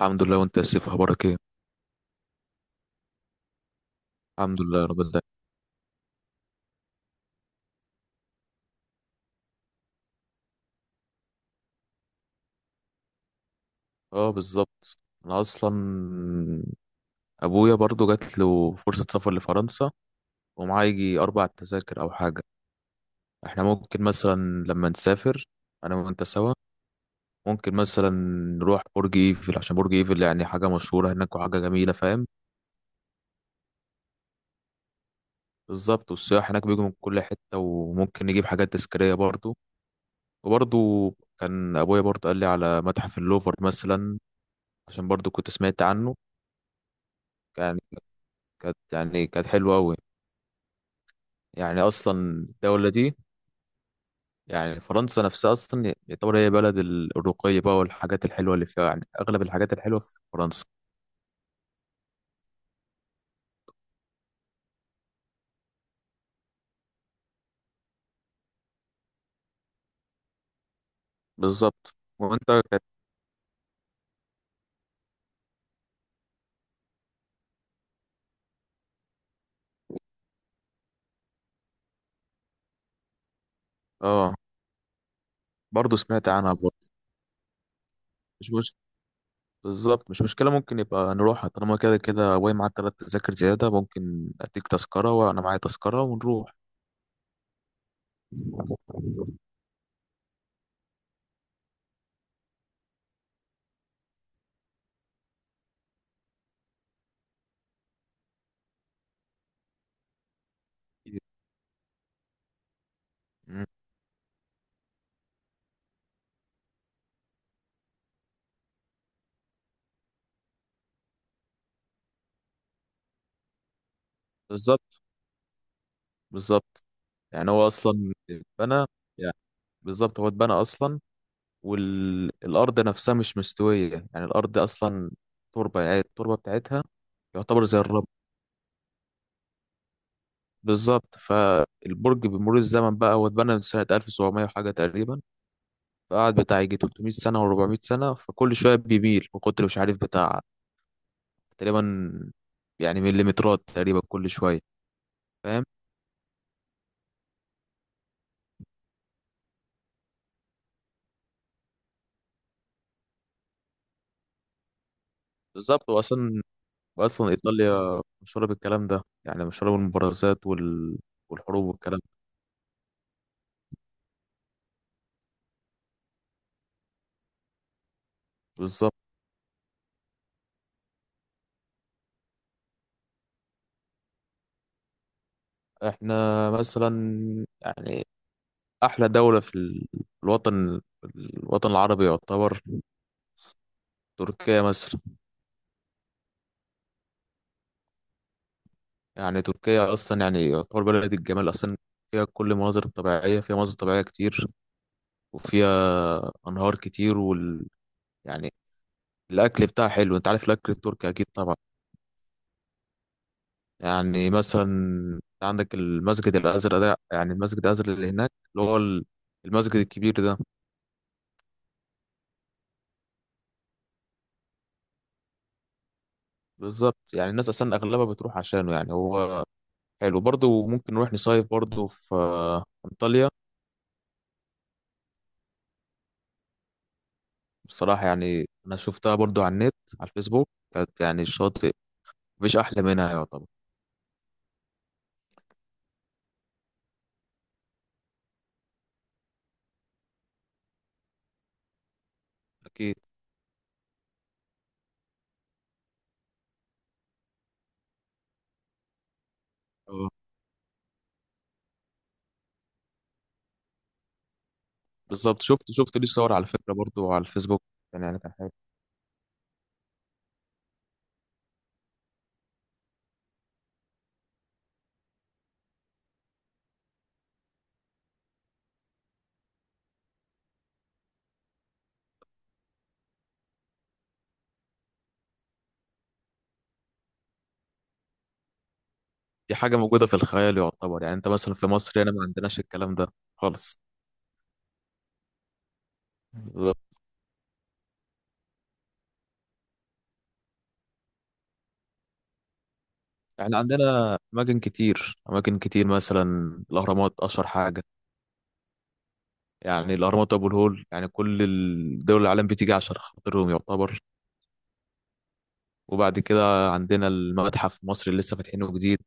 الحمد لله. وانت يا سيف اخبارك ايه؟ الحمد لله يا رب العالمين. اه، بالظبط. انا اصلا ابويا برضو جات له فرصه سفر لفرنسا، ومعاه يجي اربع تذاكر او حاجه. احنا ممكن مثلا لما نسافر انا وانت سوا، ممكن مثلا نروح برج ايفل، عشان برج ايفل يعني حاجه مشهوره هناك وحاجه جميله، فاهم؟ بالظبط، والسياح هناك بيجوا من كل حته، وممكن نجيب حاجات تذكاريه برضو. وبرضو كان ابويا برضو قال لي على متحف اللوفر مثلا، عشان برضو كنت سمعت عنه. يعني كانت حلوة أوي. يعني أصلا الدولة دي، يعني فرنسا نفسها أصلا يعتبر هي بلد الرقي بقى، والحاجات الحلوة اللي فيها، يعني أغلب الحاجات الحلوة في فرنسا. بالظبط وأنت. كانت آه، برضه سمعت عنها برضه. مش مش بالظبط، مش مشكلة ممكن يبقى نروحها، طالما كده كده واي معاك تلات تذاكر زيادة، ممكن أديك تذكرة وأنا معايا تذكرة ونروح. مم. بالظبط. بالظبط، يعني هو أصلا اتبنى. يعني بالظبط هو اتبنى أصلا، والأرض نفسها مش مستوية، يعني الأرض أصلا تربة، يعني التربة بتاعتها يعتبر زي الرب. بالظبط، فالبرج بمرور الزمن بقى هو اتبنى من سنة 1700 وحاجة تقريبا، فقعد بتاع يجي 300 سنة و400 سنة، فكل شوية بيميل من كتر مش عارف بتاع، تقريبا يعني مليمترات تقريبا كل شوية. فاهم، بالظبط. وأصلا وأصلا إيطاليا مشهورة بالكلام ده، يعني مشهورة بالمبارزات والحروب والكلام ده. بالظبط. احنا مثلا، يعني احلى دوله في الوطن، الوطن العربي يعتبر، تركيا مثلا. يعني تركيا اصلا يعني يعتبر بلد الجمال اصلا، فيها كل المناظر الطبيعيه، فيها مناظر طبيعيه كتير، وفيها انهار كتير وال يعني الاكل بتاعها حلو، انت عارف الاكل التركي اكيد طبعا. يعني مثلا عندك المسجد الازرق ده، يعني المسجد الازرق اللي هناك، اللي هو المسجد الكبير ده. بالظبط، يعني الناس اصلا اغلبها بتروح عشانه يعني هو. حلو برضه، ممكن نروح نصيف برضه في انطاليا. بصراحة يعني أنا شفتها برضو على النت، على الفيسبوك، كانت يعني الشاطئ مفيش أحلى منها يعتبر. أكيد، أه، بالظبط، شفت ليه صور على فكرة برضو على الفيسبوك، كان يعني كان حاجة. دي حاجة موجودة في الخيال يعتبر، يعني أنت مثلا في مصر هنا ما عندناش الكلام ده خالص. بالظبط، يعني عندنا أماكن كتير، أماكن كتير مثلا الأهرامات أشهر حاجة. يعني الأهرامات وأبو الهول، يعني كل دول العالم بتيجي عشان خاطرهم يعتبر. وبعد كده عندنا المتحف المصري اللي لسه فاتحينه جديد،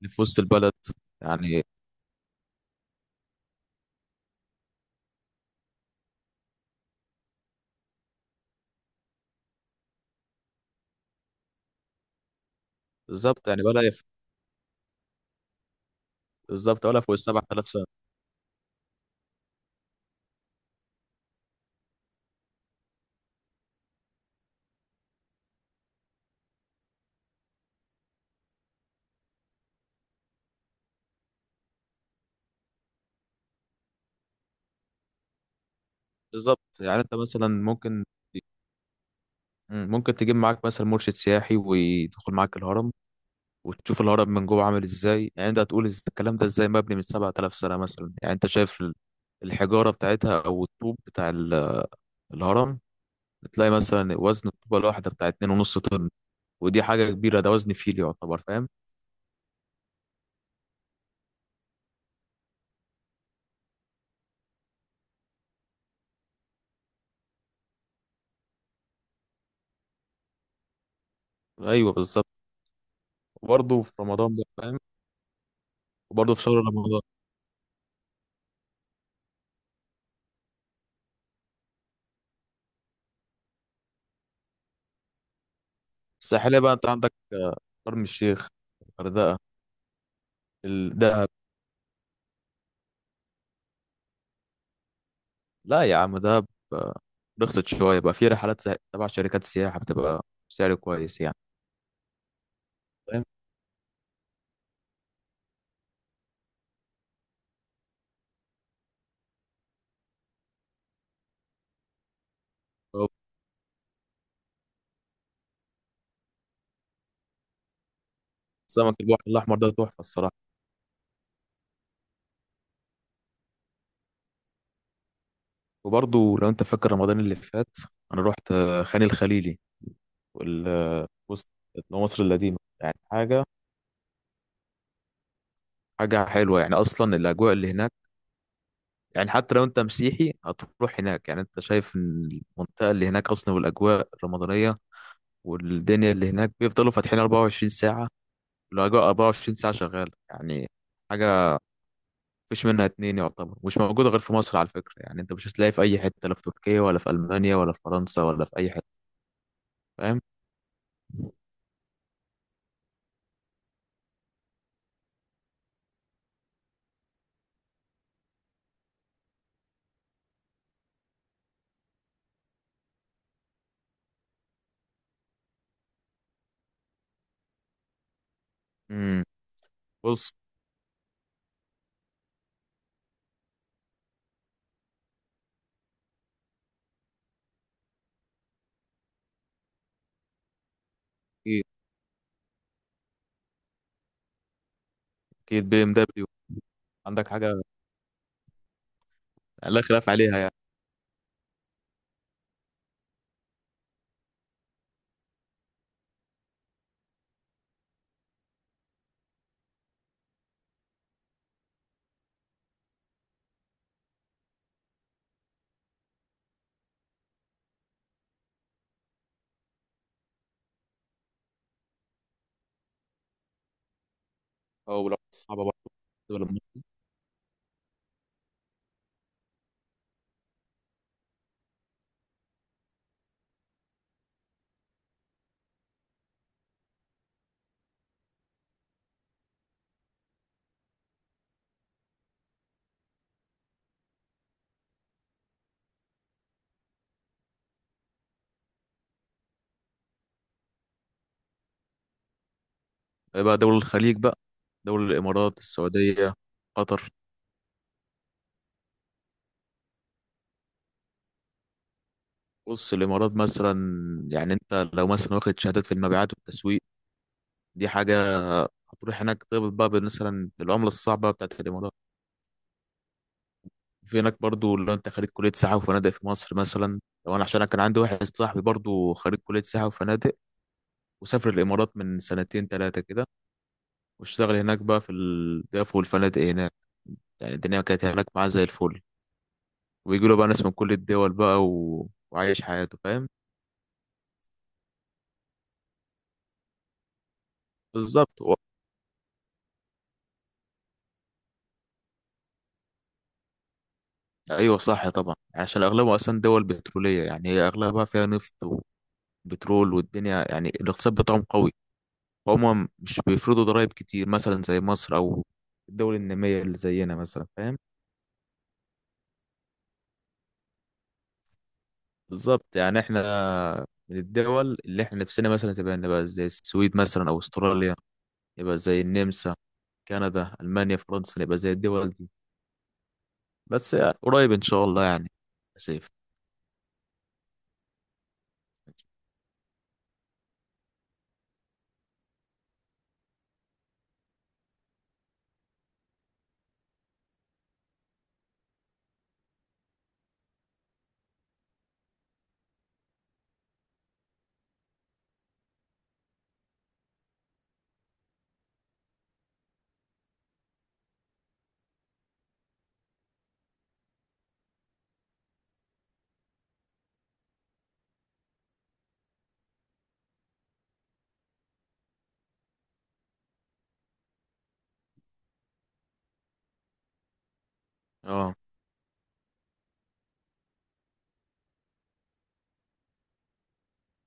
اللي في وسط البلد. يعني بالظبط، يعني بالظبط، ولا فوق السبع آلاف سنة. بالظبط، يعني أنت مثلا ممكن، ممكن تجيب معاك مثلا مرشد سياحي ويدخل معاك الهرم، وتشوف الهرم من جوه عامل إزاي، يعني أنت هتقول الكلام ده إزاي مبني من سبع آلاف سنة مثلا. يعني أنت شايف الحجارة بتاعتها، أو الطوب بتاع الهرم، تلاقي مثلا وزن الطوبة الواحدة بتاع اتنين ونص طن، ودي حاجة كبيرة، ده وزن فيل يعتبر، فاهم؟ أيوه، بالظبط. وبرضه في رمضان بقى، فاهم؟ وبرضه في شهر رمضان. الساحلية بقى، أنت عندك شرم الشيخ، الغردقة، الدهب. لا يا عم دهب، آه، رخصت شوية بقى، في رحلات تبع شركات السياحة، بتبقى سعر كويس يعني. فاهم، أو سمك البحر الأحمر ده تحفة الصراحة. وبرضه لو أنت فاكر رمضان اللي فات، أنا رحت خان الخليلي، وال آه، وسط مصر القديمة، يعني حاجة، حاجة حلوة. يعني أصلا الأجواء اللي هناك، يعني حتى لو أنت مسيحي هتروح هناك، يعني أنت شايف إن المنطقة اللي هناك أصلا، والأجواء الرمضانية والدنيا اللي هناك بيفضلوا فاتحين 24 ساعة، الأجواء 24 ساعة شغالة يعني. حاجة مفيش منها اتنين يعتبر، مش موجودة غير في مصر على فكرة، يعني أنت مش هتلاقي في أي حتة، لا في تركيا ولا في ألمانيا ولا في فرنسا ولا في أي حتة، فاهم؟ امم بص، أكيد. أكيد بي إم دبليو، عندك حاجة يعني لا خلاف عليها يعني. أو لو صعبة برضه دول المصري. بقى دول الخليج بقى، دول الإمارات، السعودية، قطر. بص الإمارات مثلا، يعني أنت لو مثلا واخد شهادات في المبيعات والتسويق، دي حاجة، هتروح هناك تقبض بقى مثلا بالعملة الصعبة بتاعت الإمارات. في هناك برضو، لو انت خريج كلية سياحة وفنادق في مصر مثلا، لو انا عشان انا كان عندي واحد صاحبي برضو خريج كلية سياحة وفنادق، وسافر الامارات من سنتين ثلاثة كده، واشتغل هناك بقى في الضيافة والفنادق هناك، يعني الدنيا كانت هناك معاه زي الفل، ويجي له بقى ناس من كل الدول بقى وعايش حياته، فاهم؟ بالظبط ايوه صح طبعا، يعني عشان اغلبها اصلا دول بترولية، يعني هي اغلبها فيها نفط وبترول، والدنيا يعني الاقتصاد بتاعهم قوي، هما مش بيفرضوا ضرائب كتير مثلا زي مصر او الدول النامية اللي زينا مثلا، فاهم؟ بالظبط، يعني احنا من الدول اللي احنا نفسنا مثلا تبقى نبقى زي السويد مثلا، او استراليا، يبقى زي النمسا، كندا، المانيا، فرنسا، نبقى زي الدول دي. بس يعني قريب ان شاء الله يعني، يا سيف. اه،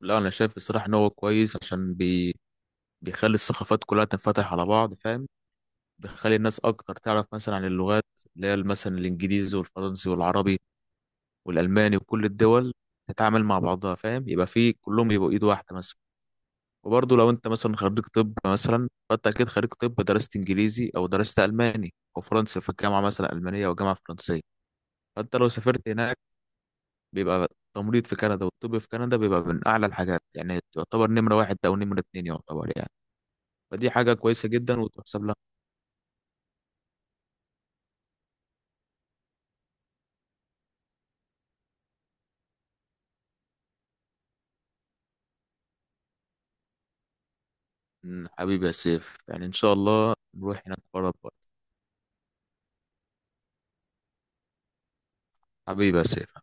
لا انا شايف الصراحة ان هو كويس، بيخلي الثقافات كلها تنفتح على بعض، فاهم؟ بيخلي الناس اكتر تعرف مثلا عن اللغات، اللي هي مثلا الانجليزي والفرنسي والعربي والالماني، وكل الدول تتعامل مع بعضها، فاهم؟ يبقى في كلهم يبقوا ايد واحده مثلا. وبرضه لو انت مثلا خريج طب مثلا، فانت اكيد خريج طب درست انجليزي او درست الماني او فرنسي في الجامعه مثلا المانيه او جامعه فرنسيه، فانت لو سافرت هناك، بيبقى التمريض في كندا والطب في كندا بيبقى من اعلى الحاجات، يعني يعتبر نمره واحد او نمره اتنين يعتبر يعني. فدي حاجه كويسه جدا وتحسب لها. حبيبي يا سيف، يعني ان شاء الله نروح هناك بره بره. حبيبي يا سيف